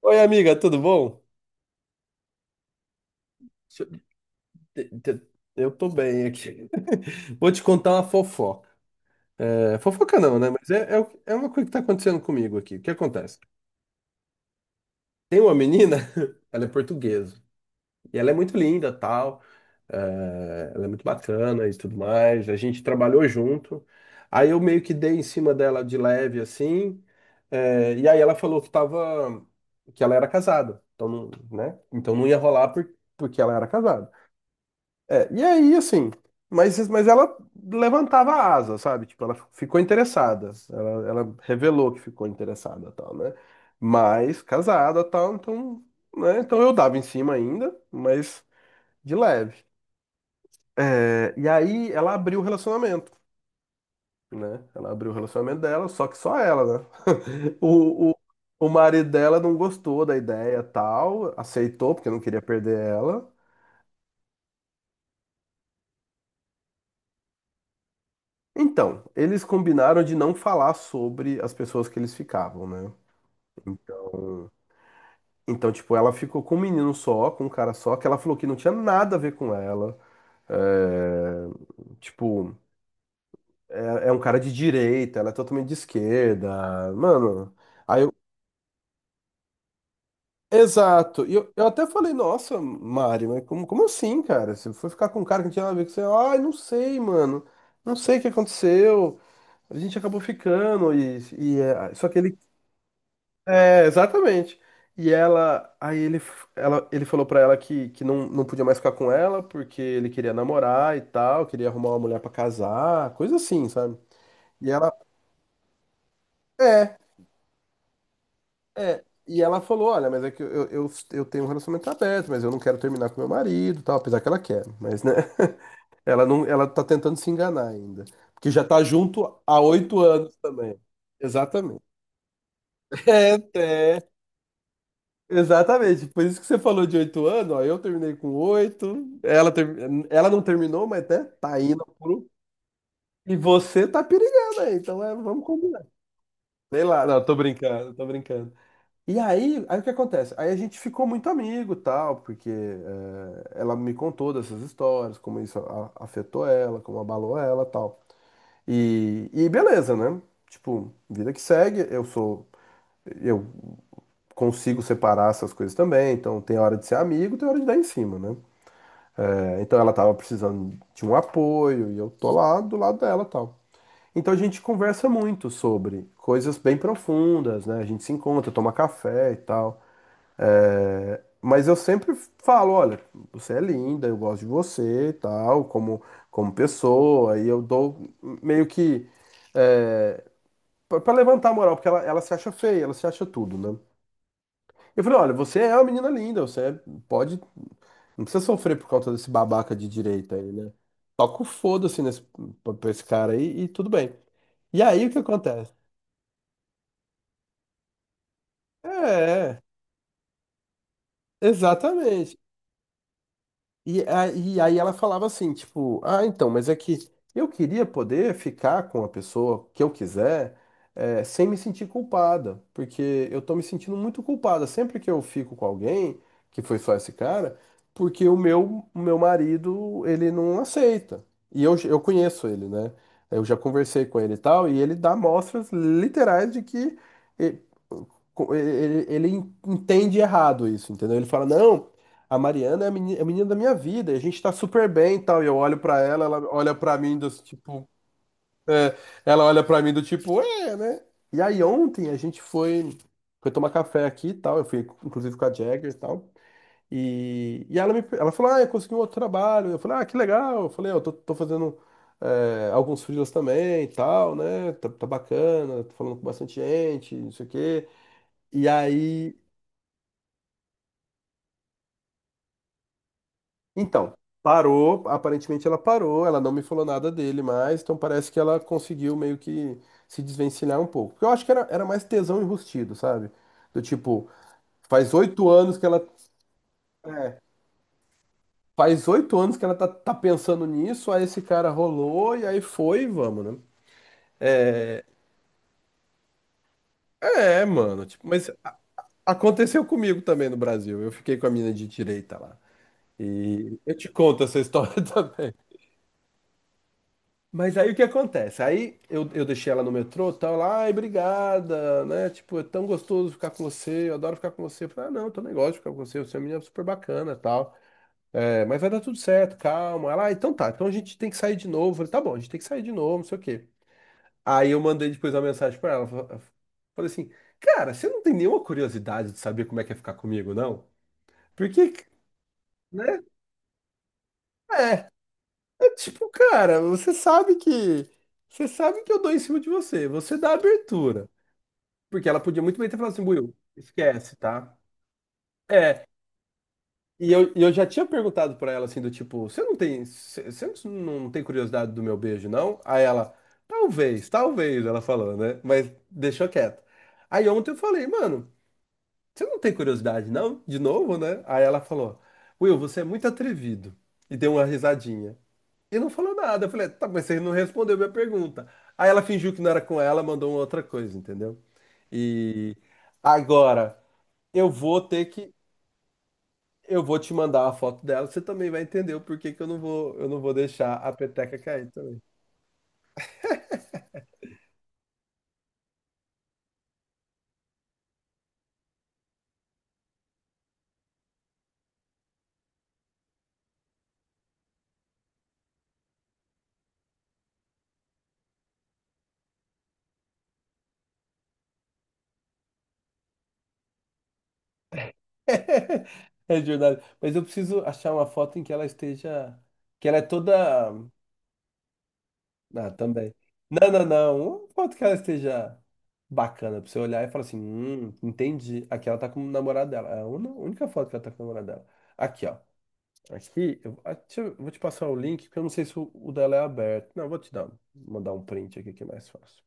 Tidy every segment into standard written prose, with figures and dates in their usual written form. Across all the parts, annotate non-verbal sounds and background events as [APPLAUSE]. Oi, amiga, tudo bom? Deixa Eu te- te- eu tô bem aqui. [LAUGHS] Vou te contar uma fofoca. É, fofoca não, né? Mas é uma coisa que tá acontecendo comigo aqui. O que acontece? Tem uma menina, [LAUGHS] ela é portuguesa. E ela é muito linda, tal. é, ela é muito bacana e tudo mais. A gente trabalhou junto. Aí eu meio que dei em cima dela de leve, assim. E aí ela falou que tava... Que ela era casada. Então, não- né? Então não ia rolar porque ela era casada. É, e aí, assim, mas ela levantava a asa, sabe? Tipo, ela ficou interessada. Ela revelou que ficou interessada, tal, né? Mas casada, tal, então, né? Então eu dava em cima ainda, mas de leve. É, e aí ela abriu o relacionamento, né? Ela abriu o relacionamento dela, só que só ela, né? [LAUGHS] O, o, o marido dela não gostou da ideia, tal, aceitou porque não queria perder ela. Então, eles combinaram de não falar sobre as pessoas que eles ficavam, né? Então, então, tipo, ela ficou com um menino só, com um cara só, que ela falou que não tinha nada a ver com ela. É, tipo, é um cara de direita, ela é totalmente de esquerda. Mano, aí eu. Exato. E eu até falei, nossa, Mari, mas como assim, cara? Você foi ficar com um cara que não tinha nada a ver com você? Ai, não sei, mano. Não sei o que aconteceu. A gente acabou ficando e é, só que ele Exatamente. E ela, aí ele, f- ela, ele falou pra ela que não podia mais ficar com ela porque ele queria namorar e tal, queria arrumar uma mulher pra casar, coisa assim, sabe? E ela, é, é. E ela falou, olha, mas é que eu tenho um relacionamento aberto, mas eu não quero terminar com meu marido, e tal, apesar que ela quer, mas né, [LAUGHS] ela não, ela tá tentando se enganar ainda, porque já tá junto há 8 anos também. Exatamente. [LAUGHS] É, Exatamente, por isso que você falou de 8 anos, ó, eu terminei com oito, ela não terminou, mas até tá indo pro... E você tá perigando aí, então é, vamos combinar. Sei lá, não, tô brincando, tô brincando. E aí, o que acontece? Aí a gente ficou muito amigo, tal, porque ela me contou dessas histórias, como isso afetou ela, como abalou ela, tal. E beleza, né? Tipo, vida que segue, eu consigo separar essas coisas também. Então, tem hora de ser amigo, tem hora de dar em cima, né? Então, ela tava precisando de um apoio e eu tô lá do lado dela, tal. Então, a gente conversa muito sobre coisas bem profundas, né? A gente se encontra, toma café e tal. Mas eu sempre falo, olha, você é linda, eu gosto de você, e tal, como pessoa, e eu dou meio que é, pra levantar a moral, porque ela se acha feia, ela se acha tudo, né? Eu falei, olha, você é uma menina linda, você é- pode não precisa sofrer por conta desse babaca de direita aí, né? Toca o foda-se nesse, pra esse cara aí e tudo bem. E aí o que acontece? É, é, exatamente. E aí ela falava assim, tipo, ah, então, mas é que eu queria poder ficar com a pessoa que eu quiser, sem me sentir culpada, porque eu tô me sentindo muito culpada sempre que eu fico com alguém, que foi só esse cara, porque o meu marido, ele não aceita. E eu conheço ele, né? Eu já conversei com ele e tal, e ele dá mostras literais de que eh, ele entende errado isso, entendeu? Ele fala, não, a Mariana é a menina, da minha vida, a gente tá super bem e tal. E eu olho pra ela, ela olha pra mim do tipo, é, ela olha pra mim do tipo, é, né? E aí ontem a gente foi tomar café aqui e tal, eu fui inclusive com a Jagger e tal. E ela falou, ah, eu consegui um outro trabalho. Eu falei, ah, que legal. Eu falei, "Ah, eu tô fazendo alguns freelas também e tal, né? Tá bacana, tô falando com bastante gente, não sei o quê. E aí Então, parou, aparentemente ela parou, ela não me falou nada dele mais, então parece que ela conseguiu meio que se desvencilhar um pouco. Porque eu acho que era mais tesão enrustido, sabe? Do tipo, faz oito anos que ela. É, faz 8 anos que ela tá, tá pensando nisso, aí esse cara rolou e aí foi, e vamos, né? É, mano, tipo, mas aconteceu comigo também no Brasil. Eu fiquei com a mina de direita lá. E eu te conto essa história. [LAUGHS] Mas aí o que acontece? Aí eu deixei ela no metrô, tal, lá, ai, obrigada, né? Tipo, é tão gostoso ficar com você, eu adoro ficar com você. Eu falei, ah, não, tô nem gosto de ficar com você, você é uma menina super bacana, tal. É, mas vai dar tudo certo, calma. Ela, ah, então tá, então a gente tem que sair de novo. Eu falei, tá bom, a gente tem que sair de novo, não sei o quê. Aí eu mandei depois uma mensagem pra ela, falei assim, cara, você não tem nenhuma curiosidade de saber como é que é ficar comigo, não? Porque, né? É, é tipo, cara, você sabe que eu dou em cima de você, você dá abertura. Porque ela podia muito bem ter falado assim, Buiu, esquece, tá? É, e eu já tinha perguntado pra ela assim, do tipo, você não tem curiosidade do meu beijo, não? Aí ela, talvez, talvez, ela falou, né? Mas deixou quieto. Aí ontem eu falei, mano, você não tem curiosidade, não? De novo, né? Aí ela falou, Will, você é muito atrevido. E deu uma risadinha. E não falou nada. Eu falei, tá, mas você não respondeu minha pergunta. Aí ela fingiu que não era com ela, mandou uma outra coisa, entendeu? E agora. Eu vou ter que, eu vou te mandar a foto dela, você também vai entender o porquê que eu não vou deixar a peteca cair também. [LAUGHS] É verdade. Mas eu preciso achar uma foto em que ela esteja, que ela é toda, também. Não, não, não. Uma foto que ela esteja bacana pra você olhar e falar assim, entendi. Aqui ela tá com o namorado dela. É a única foto que ela tá com o namorado dela. Aqui, ó. Aqui, eu, ah, deixa eu- vou te passar o link, porque eu não sei se o dela é aberto. Não, eu vou mandar um print aqui que é mais fácil.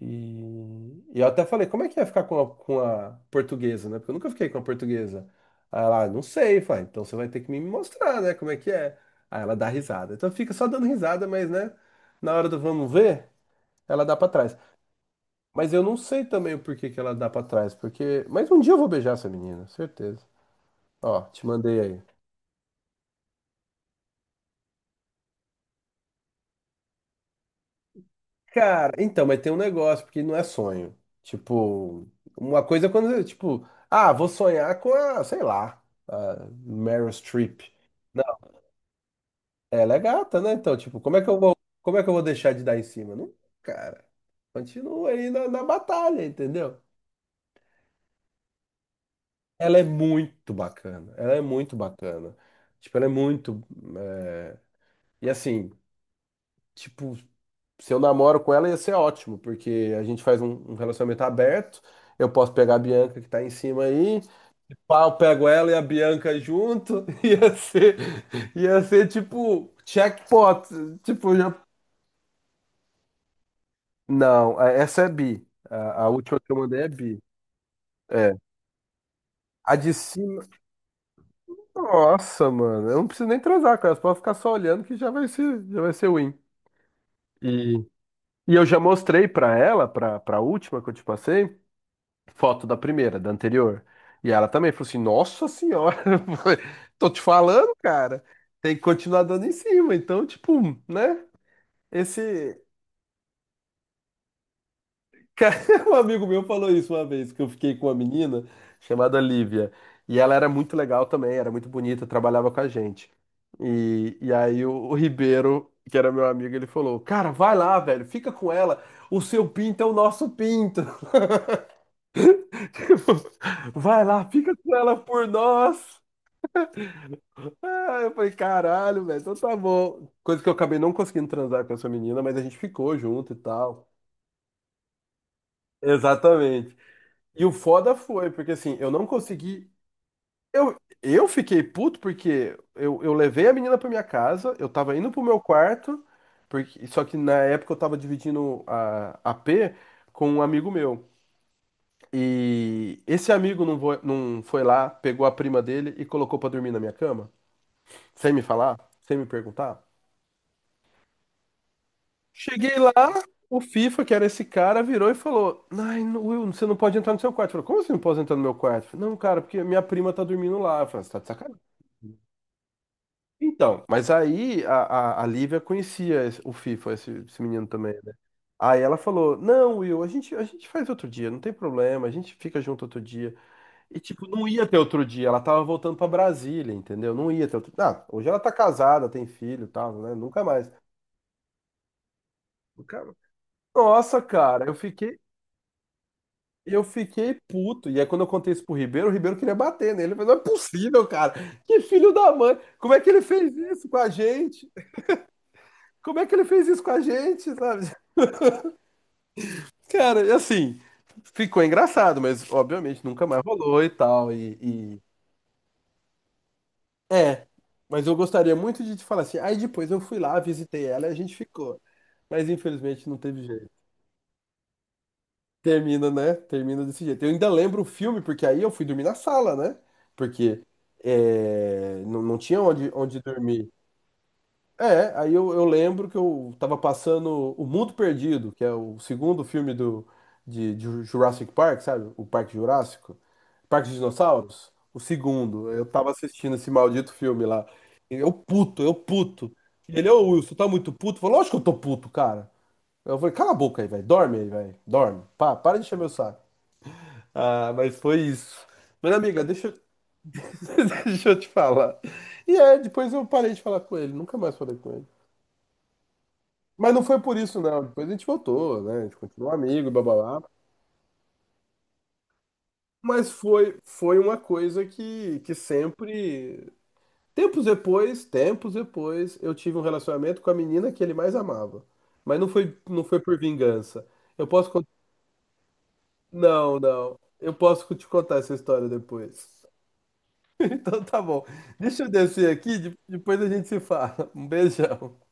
E eu até falei, como é que ia ficar com a portuguesa, né? Porque eu nunca fiquei com a portuguesa. Aí ela, "Ah, não sei", falei, "Ah, então você vai ter que me mostrar, né? Como é que é." Aí ela dá risada. Então fica só dando risada, mas, né? Na hora do vamos ver, ela dá pra trás. Mas eu não sei também o porquê que ela dá pra trás, porque... Mas um dia eu vou beijar essa menina, certeza. Ó, te mandei aí. Cara, então, mas tem um negócio, porque não é sonho. Tipo, uma coisa é quando, tipo, ah, vou sonhar com a, sei lá, a Meryl Streep. Não, ela é gata, né? Então, tipo, como é que eu vou, como é que eu vou deixar de dar em cima? Não, cara, continua aí na batalha, entendeu? Ela é muito bacana, ela é muito bacana. Tipo, ela é muito, é, e assim, tipo, se eu namoro com ela, ia ser ótimo, porque a gente faz um relacionamento aberto. Eu posso pegar a Bianca que tá em cima aí, pá, eu pego ela e a Bianca junto. [LAUGHS] Ia ser tipo checkpot. Tipo, já... Não, essa é bi. A última que eu mandei é bi. É. A de cima, nossa, mano, eu não preciso nem transar com ela, pode ficar só olhando que já vai ser win. E, e eu já mostrei pra última que eu te passei. Foto da primeira, da anterior. E ela também falou assim: Nossa senhora. [LAUGHS] Tô te falando, cara, tem que continuar dando em cima. Então, tipo, né? Esse. Cara, [LAUGHS] um amigo meu falou isso uma vez, que eu fiquei com uma menina chamada Lívia. E ela era muito legal também, era muito bonita, trabalhava com a gente. E aí o Ribeiro, que era meu amigo, ele falou: "Cara, vai lá, velho, fica com ela. O seu pinto é o nosso pinto." [LAUGHS] Vai lá, fica com ela por nós. Ah, eu falei: "Caralho, velho, então tá bom." Coisa que eu acabei não conseguindo transar com essa menina, mas a gente ficou junto e tal. Exatamente. E o foda foi, porque assim, eu não consegui. Eu fiquei puto porque eu levei a menina pra minha casa, eu tava indo pro meu quarto, porque, só que na época eu tava dividindo a AP com um amigo meu. E esse amigo não foi, não foi lá, pegou a prima dele e colocou pra dormir na minha cama, sem me falar, sem me perguntar. Cheguei lá, o FIFA, que era esse cara, virou e falou: "Ai, Will, você não pode entrar no seu quarto." Eu falei: "Como você não pode entrar no meu quarto?" Eu falei: "Não, cara, porque minha prima tá dormindo lá." Eu falei: "Você tá de sacanagem." Então, mas aí a Lívia conhecia o FIFA, esse menino também, né? Aí ela falou: "Não, Will, a gente faz outro dia, não tem problema, a gente fica junto outro dia." E, tipo, não ia ter outro dia, ela tava voltando pra Brasília, entendeu? Não ia ter outro Ah, hoje ela tá casada, tem filho e tal, né? Nunca mais. Nunca- Nossa, cara, eu fiquei Eu fiquei puto. E aí, quando eu contei isso pro Ribeiro, o Ribeiro queria bater nele. Ele falou: "Não é possível, cara. Que filho da mãe. Como é que ele fez isso com a gente? Como é que ele fez isso com a gente, sabe?" [LAUGHS] Cara, e assim, ficou engraçado, mas obviamente nunca mais rolou e tal. E- É, mas eu gostaria muito de te falar assim. Aí depois eu fui lá, visitei ela e a gente ficou. Mas infelizmente não teve jeito. Termina, né? Termina desse jeito. Eu ainda lembro o filme, porque aí eu fui dormir na sala, né? Porque é, não, não tinha onde, onde dormir. É, aí eu lembro que eu tava passando O Mundo Perdido, que é o segundo filme do, de Jurassic Park, sabe? O Parque Jurássico. Parque dos Dinossauros. O segundo. Eu tava assistindo esse maldito filme lá. Eu puto, eu puto. E ele: "Ô Wilson, tá muito puto?" Falou: "Lógico que eu tô puto, cara." Eu falei: "Cala a boca aí, velho. Dorme aí, velho. Dorme. Pá, para de encher meu saco." Ah, mas foi isso. Mas, amiga, deixa, eu- [LAUGHS] deixa eu te falar. E é, depois eu parei de falar com ele, nunca mais falei com ele. Mas não foi por isso, não. Depois a gente voltou, né? A gente continuou amigo, blá blá blá. Mas foi, foi uma coisa que sempre. Tempos depois, eu tive um relacionamento com a menina que ele mais amava. Mas não foi, não foi por vingança. Eu posso. Não, não. Eu posso te contar essa história depois. [LAUGHS] Então tá bom. Deixa eu descer aqui, depois a gente se fala. Um beijão.